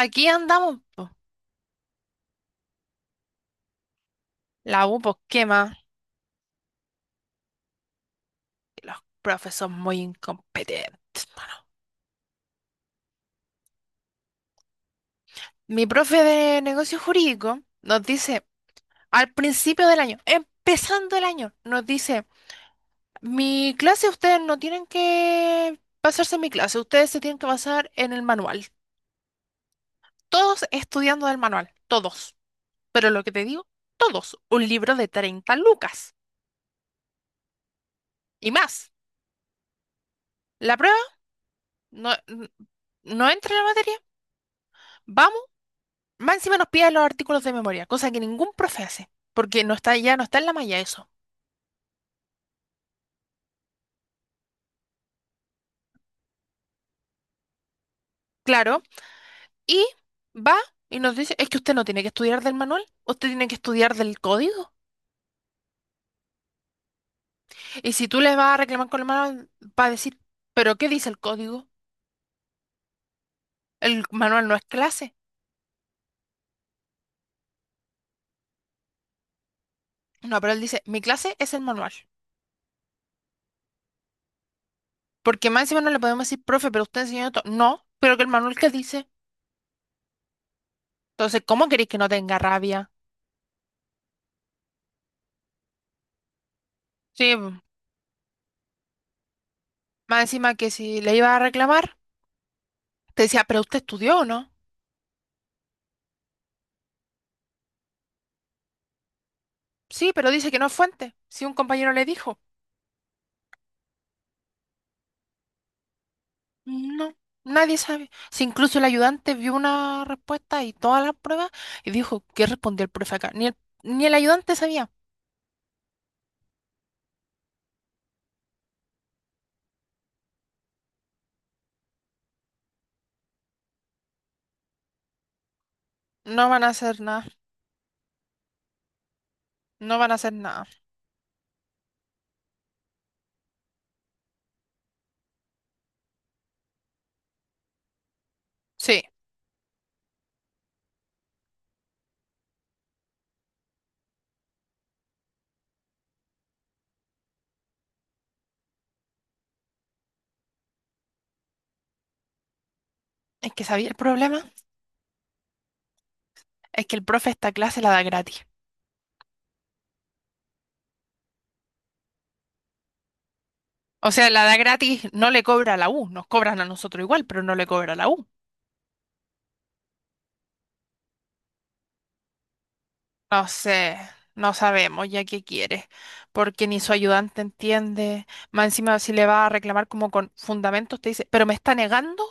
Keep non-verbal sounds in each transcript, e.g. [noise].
Aquí andamos, po. La U, pues, ¿qué más? Los profes son muy incompetentes, mano. Mi profe de negocios jurídicos nos dice, al principio del año, empezando el año, nos dice, mi clase ustedes no tienen que basarse en mi clase, ustedes se tienen que basar en el manual. Todos estudiando del manual, todos. Pero lo que te digo, todos. Un libro de 30 lucas y más. La prueba no, no entra en la materia. Vamos. Más encima nos pide los artículos de memoria, cosa que ningún profe hace, porque no está, ya no está en la malla eso. Claro. Y va y nos dice, es que usted no tiene que estudiar del manual, usted tiene que estudiar del código. Y si tú le vas a reclamar con el manual, va a decir, ¿pero qué dice el código? El manual no es clase. No, pero él dice, mi clase es el manual. Porque más encima no le podemos decir, profe, pero usted enseñó esto. No, pero que el manual que dice. Entonces, ¿cómo queréis que no tenga rabia? Sí, más encima que si le iba a reclamar, te decía, ¿pero usted estudió o no? Sí, pero dice que no es fuente. Si un compañero le dijo, no, nadie sabe. Si incluso el ayudante vio una respuesta y todas las pruebas y dijo, ¿qué respondió el profe acá? Ni el ayudante sabía. No van a hacer nada, no van a hacer nada. Sí, es que sabía el problema, es que el profe esta clase la da gratis. O sea, la da gratis, no le cobra a la U, nos cobran a nosotros igual, pero no le cobra a la U. No sé, no sabemos ya qué quiere, porque ni su ayudante entiende. Más encima, si le va a reclamar como con fundamentos, te dice, pero me está negando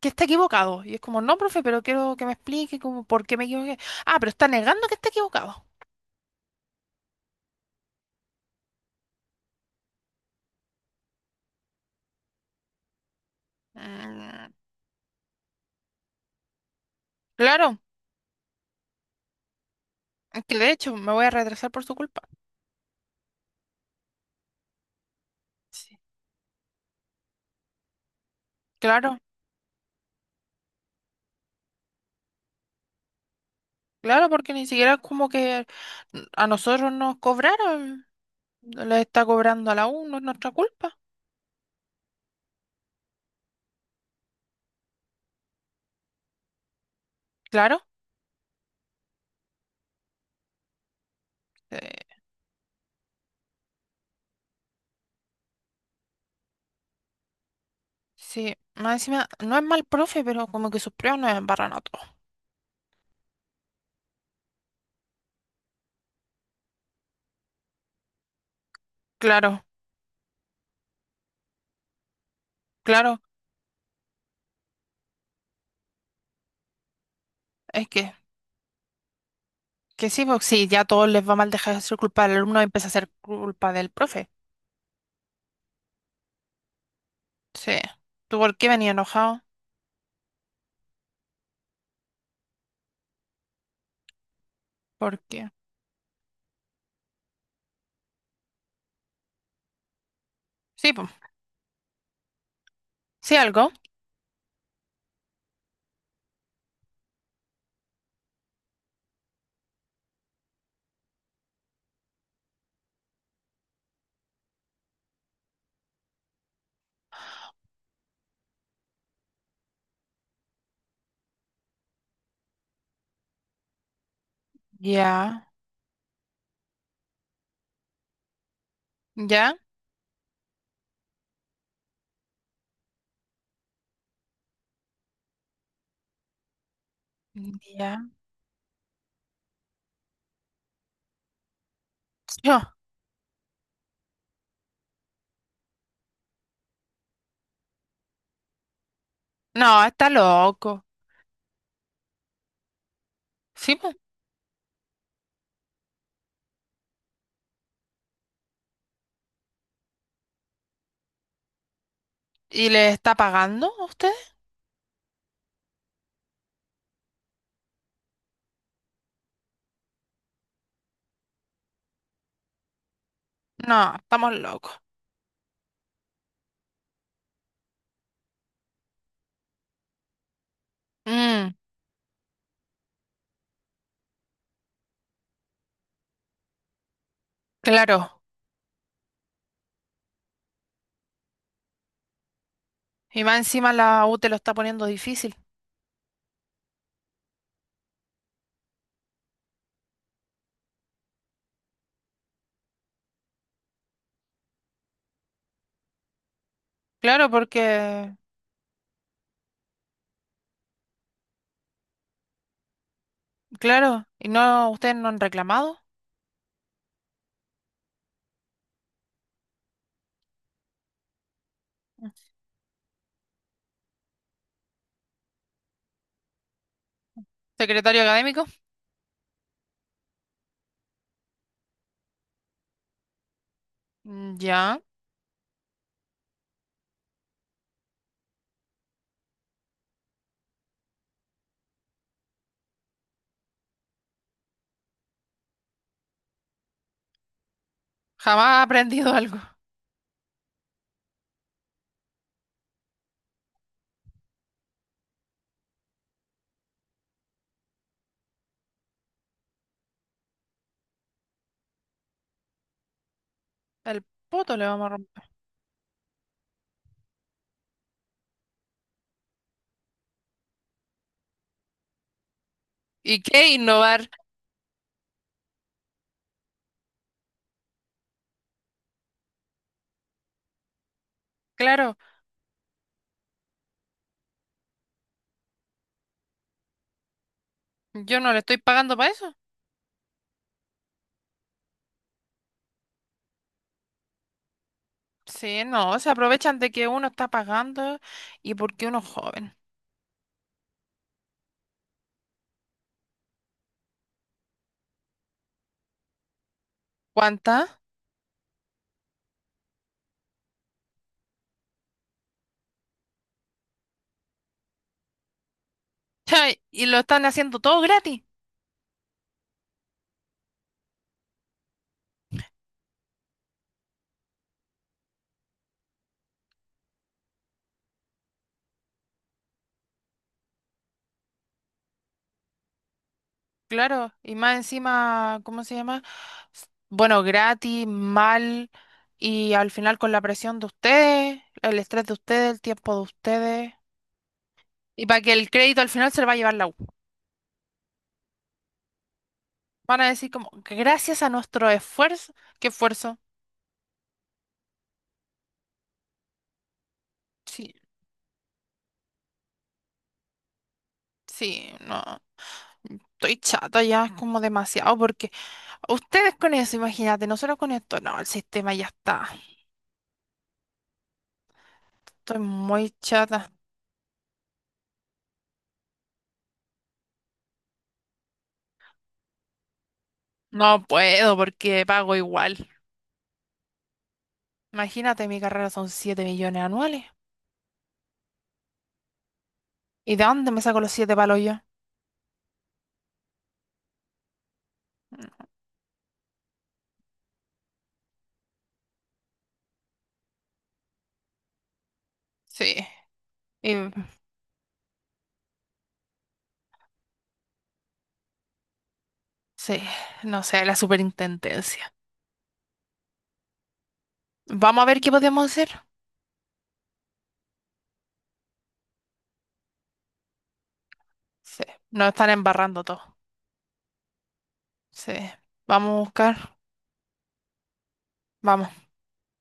que está equivocado. Y es como, no, profe, pero quiero que me explique como por qué me equivoqué. Ah, pero está negando que está equivocado. Mm, claro, es que de hecho me voy a retrasar por su culpa. Sí. Claro, claro, porque ni siquiera como que a nosotros nos cobraron, les está cobrando a la U, no es nuestra culpa. Claro. eh, Sí, más encima, no es mal profe, pero como que sus pruebas nos embarran a todos. Claro, claro, es que sí, pues sí, ya a todos les va mal, dejar de ser culpa del alumno y empieza a ser culpa del profe. Sí. ¿Tú por qué venía enojado? ¿Por qué? Sí, pues, sí, algo. Ya, ya, ya. Yo, no, está loco. Sí, pues. ¿Y le está pagando a usted? No, estamos locos. Mm, claro. Y más encima la U te lo está poniendo difícil. Claro, porque claro, ¿y no ustedes no han reclamado? Secretario académico. Mm, ya. Jamás ha aprendido [laughs] algo. El poto le vamos a romper. ¿Y qué innovar? Claro, yo no le estoy pagando para eso. Sí, no, se aprovechan de que uno está pagando y porque uno es joven. ¿Cuánta? [laughs] Y lo están haciendo todo gratis. Claro, y más encima, ¿cómo se llama? Bueno, gratis, mal, y al final con la presión de ustedes, el estrés de ustedes, el tiempo de ustedes. Y para que el crédito al final se lo va a llevar la U. Van a decir como, gracias a nuestro esfuerzo. ¿Qué esfuerzo? Sí, sí, no. Estoy chata ya, es como demasiado, porque ustedes con eso, imagínate, nosotros con esto, no, el sistema ya está. Estoy muy chata. No puedo porque pago igual. Imagínate, mi carrera son 7 millones anuales. ¿Y de dónde me saco los 7 palos yo? Mm, sí, y- sí, no sé, la superintendencia. Vamos a ver qué podemos hacer. Sí, nos están embarrando todo. Sí. Vamos a buscar. Vamos.